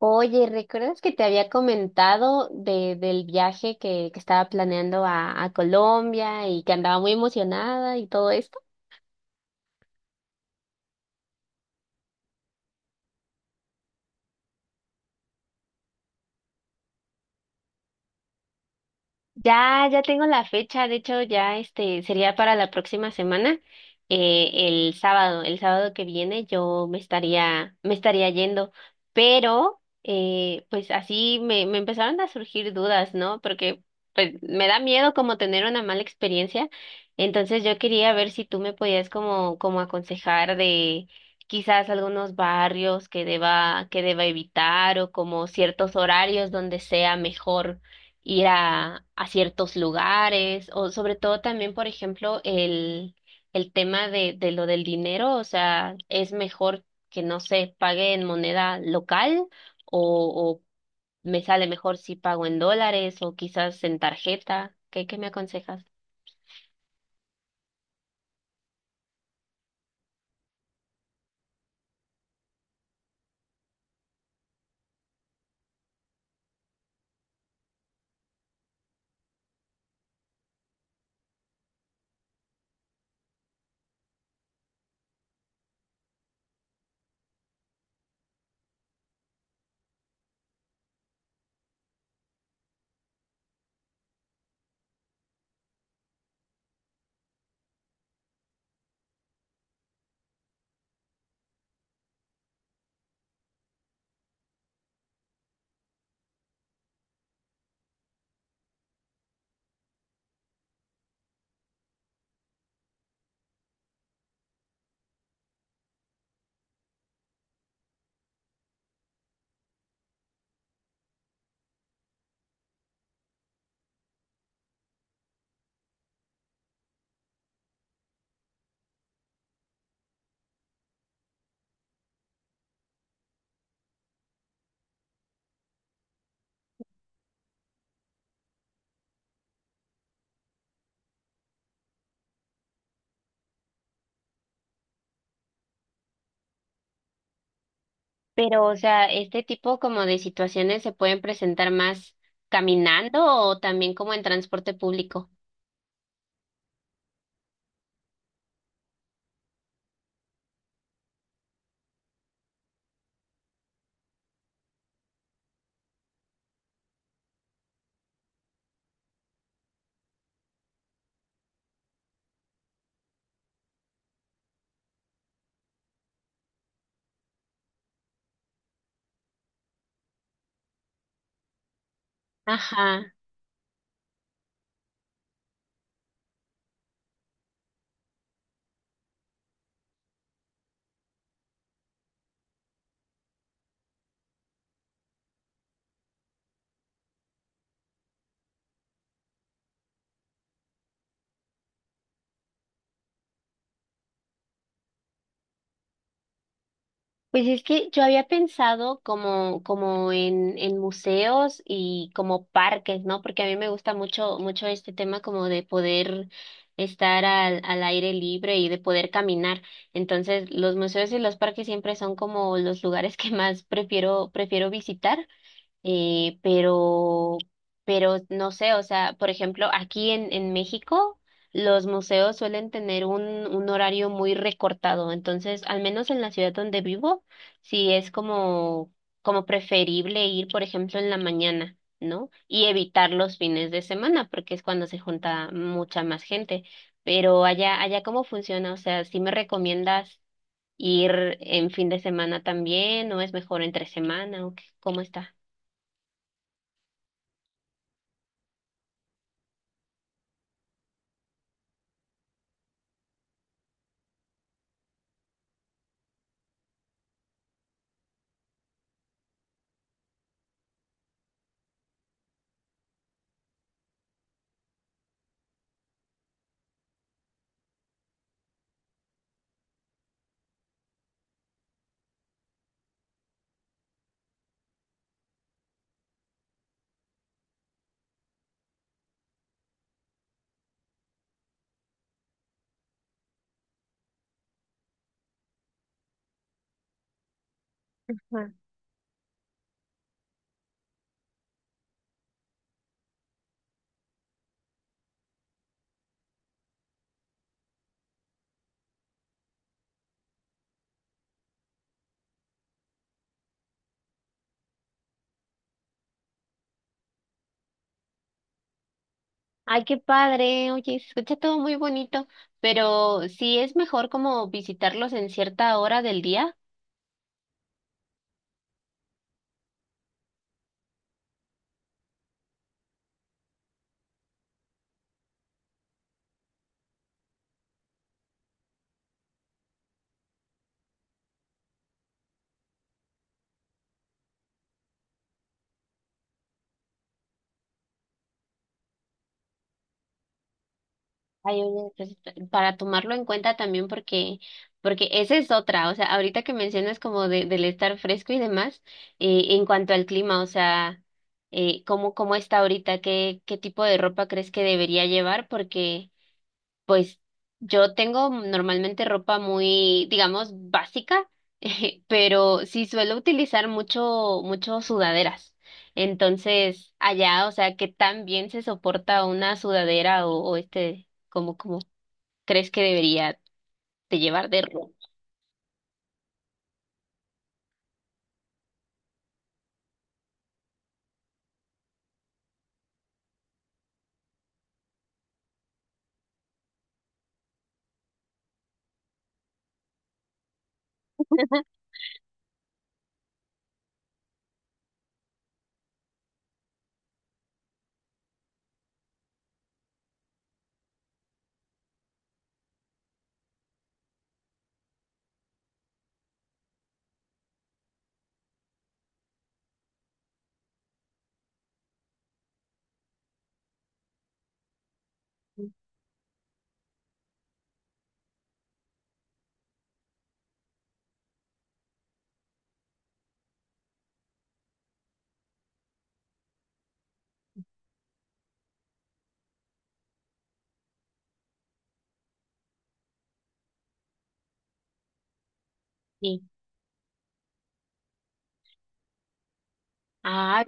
Oye, ¿recuerdas que te había comentado del viaje que estaba planeando a Colombia y que andaba muy emocionada y todo? Ya, ya tengo la fecha, de hecho ya este sería para la próxima semana, eh, el sábado que viene yo me estaría yendo, pero pues así me empezaron a surgir dudas, ¿no? Porque pues me da miedo como tener una mala experiencia, entonces yo quería ver si tú me podías como aconsejar de quizás algunos barrios que deba evitar o como ciertos horarios donde sea mejor ir a ciertos lugares, o sobre todo también, por ejemplo, el tema de lo del dinero, o sea, ¿es mejor que no se pague en moneda local o me sale mejor si pago en dólares o quizás en tarjeta? Qué me aconsejas? Pero, o sea, ¿este tipo como de situaciones se pueden presentar más caminando o también como en transporte público? Ajá. Pues es que yo había pensado como, como en museos y como parques, ¿no? Porque a mí me gusta mucho, mucho este tema como de poder estar al aire libre y de poder caminar. Entonces, los museos y los parques siempre son como los lugares que más prefiero, prefiero visitar. Eh, pero, pero no sé, o sea, por ejemplo, aquí en México los museos suelen tener un horario muy recortado, entonces, al menos en la ciudad donde vivo, sí es como, como preferible ir, por ejemplo, en la mañana, ¿no? Y evitar los fines de semana, porque es cuando se junta mucha más gente. Pero allá, allá, ¿cómo funciona? O sea, ¿sí me recomiendas ir en fin de semana también, o es mejor entre semana, o qué- cómo está? Ay, qué padre, oye, se escucha todo muy bonito, pero sí es mejor como visitarlos en cierta hora del día. Ay, oye, pues, para tomarlo en cuenta también porque, porque esa es otra, o sea, ahorita que mencionas como del estar fresco y demás, en cuanto al clima, o sea, ¿cómo, cómo está ahorita? ¿Qué, qué tipo de ropa crees que debería llevar? Porque pues yo tengo normalmente ropa muy, digamos, básica, pero sí suelo utilizar mucho, mucho sudaderas. Entonces, allá, o sea, ¿qué tan bien se soporta una sudadera o este, como, como crees que debería de llevar de ropa? Sí. Ah.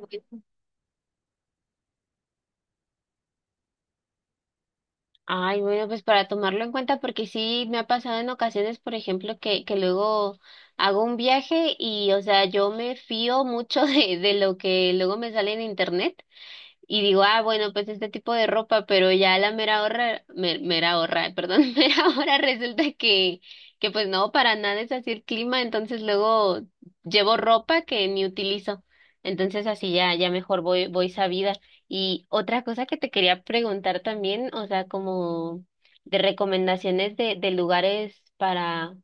Ay, bueno, pues para tomarlo en cuenta, porque sí me ha pasado en ocasiones, por ejemplo, que luego hago un viaje y, o sea, yo me fío mucho de lo que luego me sale en internet. Y digo, ah, bueno, pues este tipo de ropa, pero ya a la mera hora, mera hora, perdón, mera hora resulta que pues no, para nada es así el clima, entonces luego llevo ropa que ni utilizo. Entonces así ya, ya mejor voy, voy sabida. Y otra cosa que te quería preguntar también, o sea, como de recomendaciones de lugares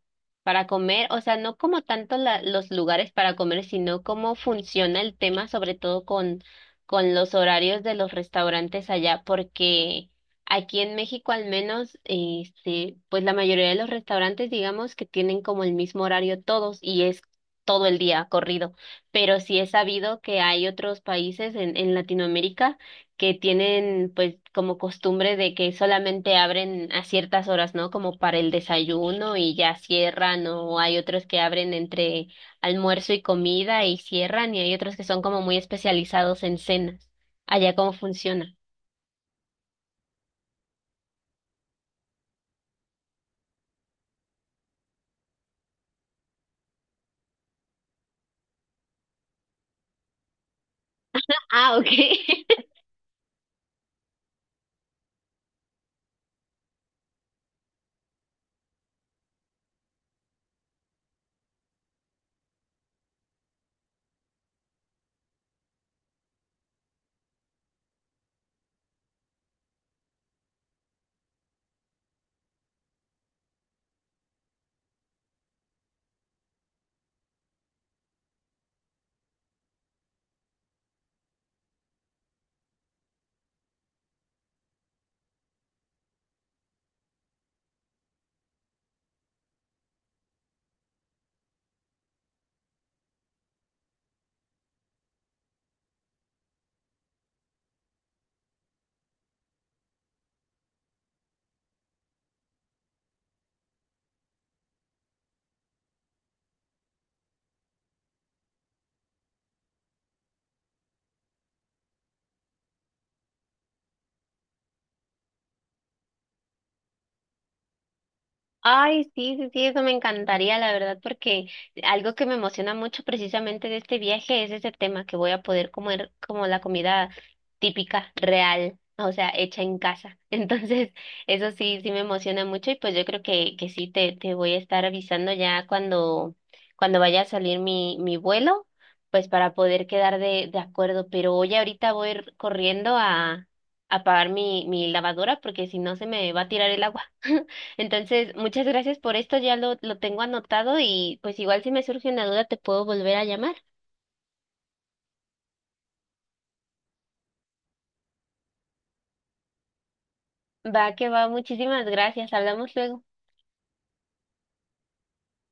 para comer, o sea, no como tanto los lugares para comer, sino cómo funciona el tema, sobre todo con los horarios de los restaurantes allá, porque aquí en México al menos, este, pues la mayoría de los restaurantes, digamos que tienen como el mismo horario todos y es todo el día corrido, pero sí he sabido que hay otros países en Latinoamérica que tienen pues como costumbre de que solamente abren a ciertas horas, ¿no? Como para el desayuno y ya cierran, o hay otros que abren entre almuerzo y comida y cierran, y hay otros que son como muy especializados en cenas. Allá, ¿cómo funciona? Ah, ok. Ay, sí, sí, sí, eso me encantaría, la verdad, porque algo que me emociona mucho precisamente de este viaje es ese tema que voy a poder comer como la comida típica, real, o sea, hecha en casa. Entonces, eso sí, sí me emociona mucho y pues yo creo que sí, te voy a estar avisando ya cuando, cuando vaya a salir mi, mi vuelo, pues para poder quedar de acuerdo. Pero hoy ahorita voy a ir corriendo a pagar mi, mi lavadora porque si no se me va a tirar el agua. Entonces, muchas gracias por esto, ya lo tengo anotado y pues igual si me surge una duda te puedo volver a llamar. Va que va, muchísimas gracias, hablamos luego.